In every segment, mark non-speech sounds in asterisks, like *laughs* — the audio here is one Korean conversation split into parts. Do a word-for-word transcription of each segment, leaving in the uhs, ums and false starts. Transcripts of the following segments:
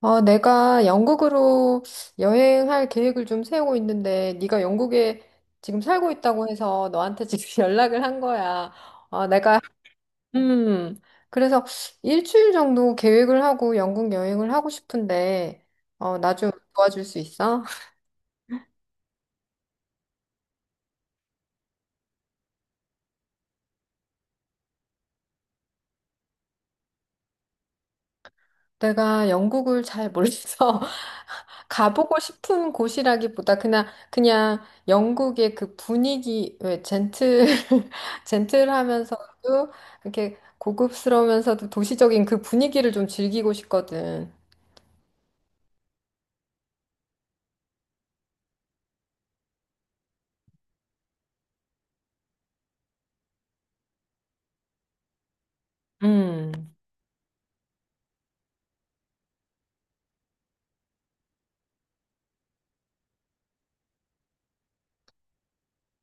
아, 내가 영국으로 여행할 계획을 좀 세우고 있는데, 네가 영국에 지금 살고 있다고 해서 너한테 지금 *laughs* 연락을 한 거야. 아, 내가, 음, 그래서 일주일 정도 계획을 하고 영국 여행을 하고 싶은데, 어, 나 좀 도와줄 수 있어? 내가 영국을 잘 몰라서 *laughs* 가보고 싶은 곳이라기보다 그냥 그냥 영국의 그 분위기 왜 젠틀 *laughs* 젠틀하면서도 이렇게 고급스러우면서도 도시적인 그 분위기를 좀 즐기고 싶거든. 음,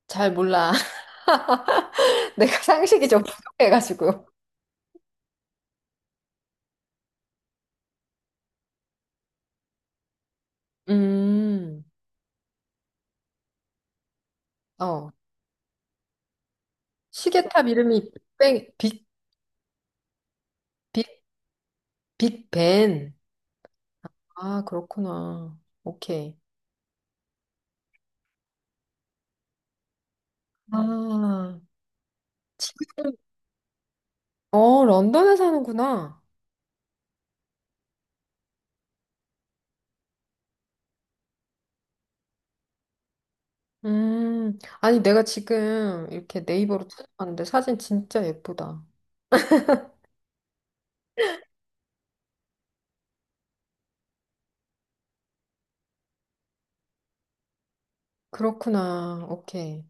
잘 몰라. *laughs* 내가 상식이 좀 부족해가지고. 음, 어, 시계탑 이름이 빅뱅 빅 빅 빅벤. 아, 그렇구나. 오케이. 아. 어, 런던에 사는구나. 음, 아니, 내가 지금 이렇게 네이버로 찾아봤는데 사진 진짜 예쁘다. 그렇구나. 오케이.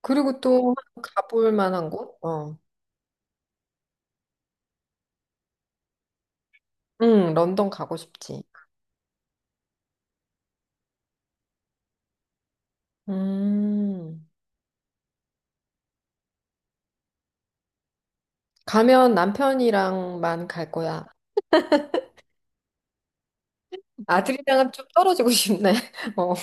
그리고 또 가볼 만한 곳? 어. 응, 런던 가고 싶지. 음, 가면 남편이랑만 갈 거야. 아들이랑은 좀 떨어지고 싶네. *laughs* 어.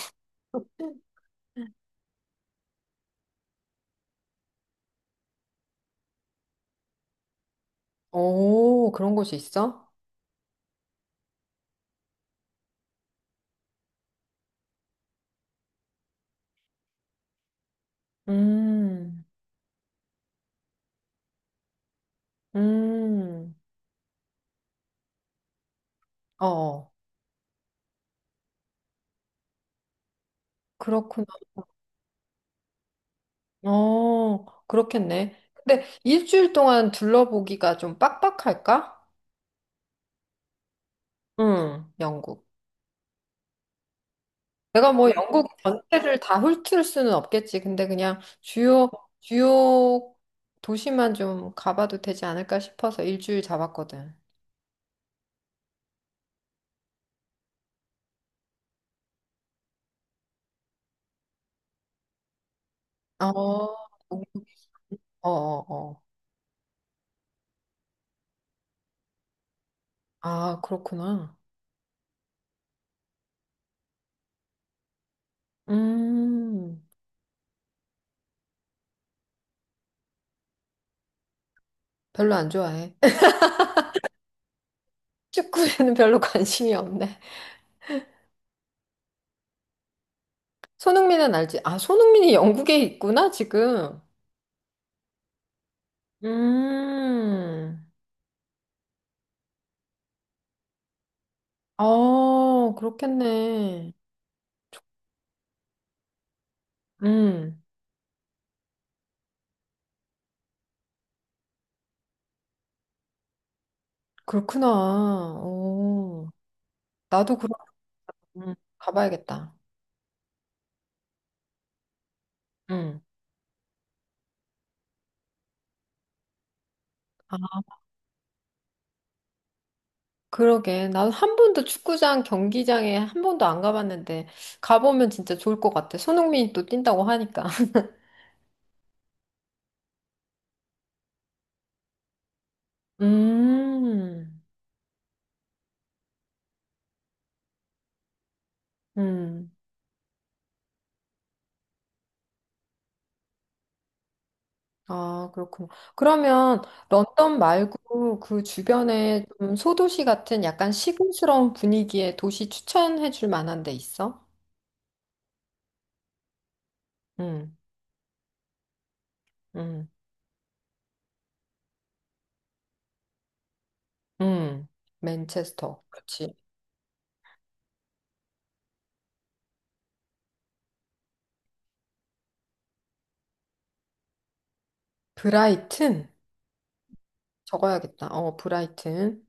오, 그런 곳이 있어? 음, 음, 어, 어. 그렇구나. 어, 그렇겠네. 근데 일주일 동안 둘러보기가 좀 빡빡할까? 응, 영국. 내가 뭐 영국 전체를 다 훑을 수는 없겠지. 근데 그냥 주요, 주요 도시만 좀 가봐도 되지 않을까 싶어서 일주일 잡았거든. 어, 어, 어, 어. 아, 그렇구나. 음, 별로 안 좋아해. *laughs* 축구에는 별로 관심이 없네. 손흥민은 알지? 아, 손흥민이 영국에 있구나, 지금. 음. 아, 그렇겠네. 음, 그렇구나. 오, 나도 그럼 음, 가봐야겠다. 음. 아, 그러게. 난 한 번도 축구장, 경기장에 한 번도 안 가봤는데, 가보면 진짜 좋을 것 같아. 손흥민이 또 뛴다고 하니까. *laughs* 음, 음. 아, 그렇구나. 그러면 런던 말고 그 주변에 좀 소도시 같은 약간 시골스러운 분위기의 도시 추천해 줄 만한 데 있어? 음, 음, 음. 맨체스터. 그렇지. 브라이튼. 적어야겠다. 어, 브라이튼.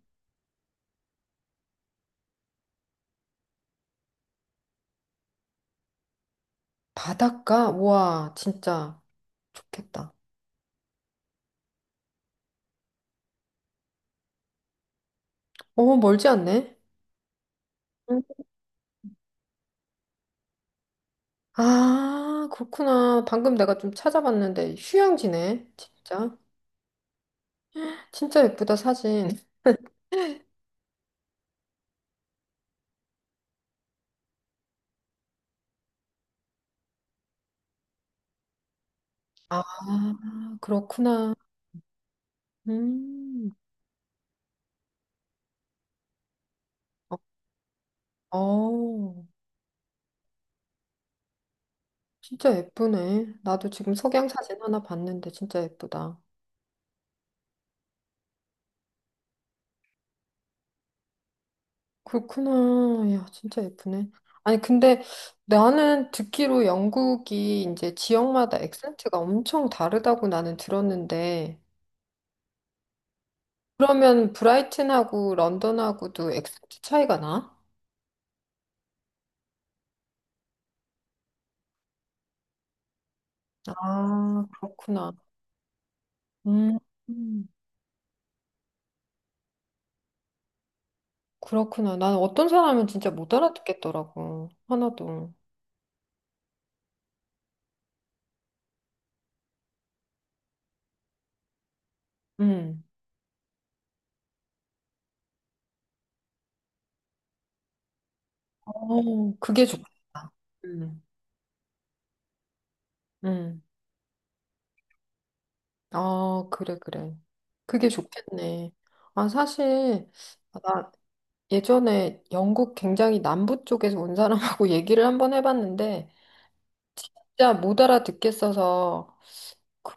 바닷가? 우와, 진짜 좋겠다. 어, 멀지 않네. 응. 아, 그렇구나. 방금 내가 좀 찾아봤는데 휴양지네. 진짜. 진짜 예쁘다, 사진. 아, 그렇구나. 음. 어, 어, 진짜 예쁘네. 나도 지금 석양 사진 하나 봤는데 진짜 예쁘다. 그렇구나. 야, 진짜 예쁘네. 아니, 근데 나는 듣기로 영국이 이제 지역마다 액센트가 엄청 다르다고 나는 들었는데, 그러면 브라이튼하고 런던하고도 액센트 차이가 나? 아, 그렇구나. 음, 음, 그렇구나. 나는 어떤 사람은 진짜 못 알아듣겠더라고. 하나도. 음. 어, 그게 좋겠다. 음, 음. 아, 그래, 그래. 그게 좋겠네. 아, 사실, 아, 나 예전에 영국 굉장히 남부 쪽에서 온 사람하고 *laughs* 얘기를 한번 해봤는데 진짜 못 알아듣겠어서 그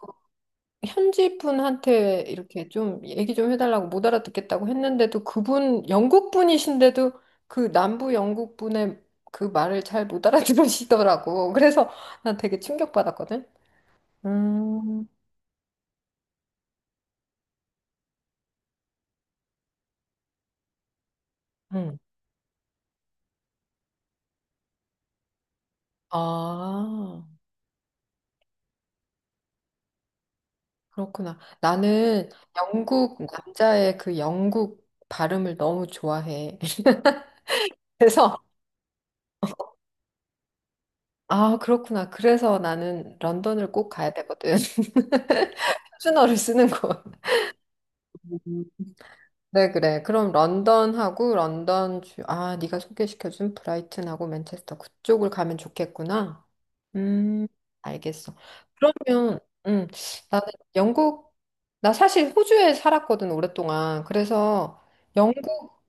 현지 분한테 이렇게 좀 얘기 좀 해달라고 못 알아듣겠다고 했는데도 그분 영국 분이신데도 그 남부 영국 분의 그 말을 잘 못 알아들으시더라고. *laughs* 그래서 난 되게 충격받았거든. 음, 음. 아, 그렇구나. 나는 영국 남자의 그 영국 발음을 너무 좋아해. 그래서 아, 그렇구나. 그래서 나는 런던을 꼭 가야 되거든. *laughs* 표준어를 쓰는 곳. 음. 그래, 그래. 그럼 런던하고 런던 주, 아, 네가 소개시켜준 브라이튼하고 맨체스터 그쪽을 가면 좋겠구나. 음, 알겠어. 그러면, 음, 나는 영국, 나 사실 호주에 살았거든, 오랫동안. 그래서 영국,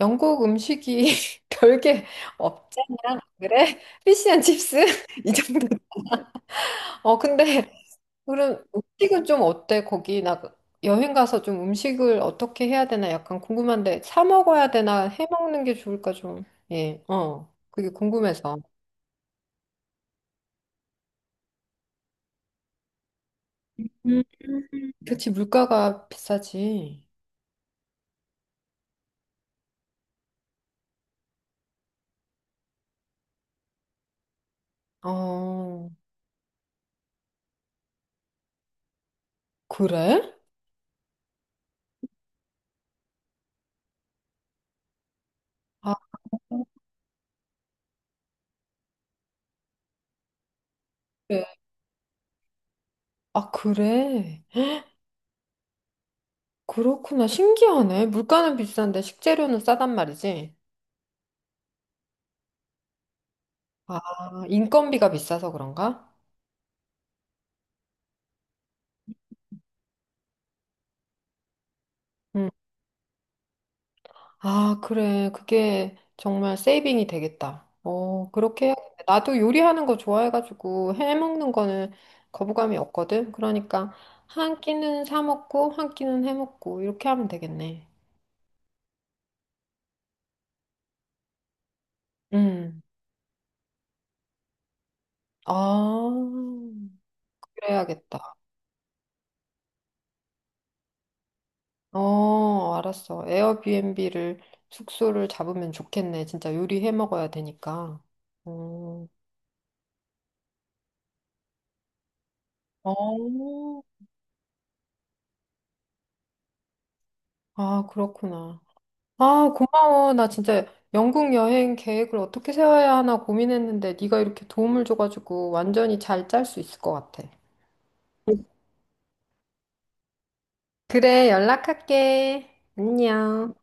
영국 음식이 *laughs* 별게 없잖아. 그래? 피시앤칩스? *laughs* 이 정도. 어, 근데 그럼 음식은 좀 어때? 거기 나 여행 가서 좀 음식을 어떻게 해야 되나 약간 궁금한데 사 먹어야 되나 해 먹는 게 좋을까 좀. 예, 어, 그게 궁금해서. 음. 그치, 물가가 비싸지. 어, 그래? 아, 그래. 아, 그래. 그렇구나. 신기하네. 물가는 비싼데 식재료는 싸단 말이지. 아, 인건비가 비싸서 그런가? 음. 아, 그래. 그게 정말 세이빙이 되겠다. 어, 그렇게 해야겠다. 나도 요리하는 거 좋아해가지고 해먹는 거는 거부감이 없거든. 그러니까 한 끼는 사 먹고 한 끼는 해먹고 이렇게 하면 되겠네. 음. 아, 그래야겠다. 어, 알았어. 에어비앤비를 숙소를 잡으면 좋겠네. 진짜 요리해 먹어야 되니까. 어, 어, 아, 그렇구나. 아, 고마워. 나 진짜 영국 여행 계획을 어떻게 세워야 하나 고민했는데 네가 이렇게 도움을 줘가지고 완전히 잘 짤 수 있을 것 같아. 그래, 연락할게. 안녕.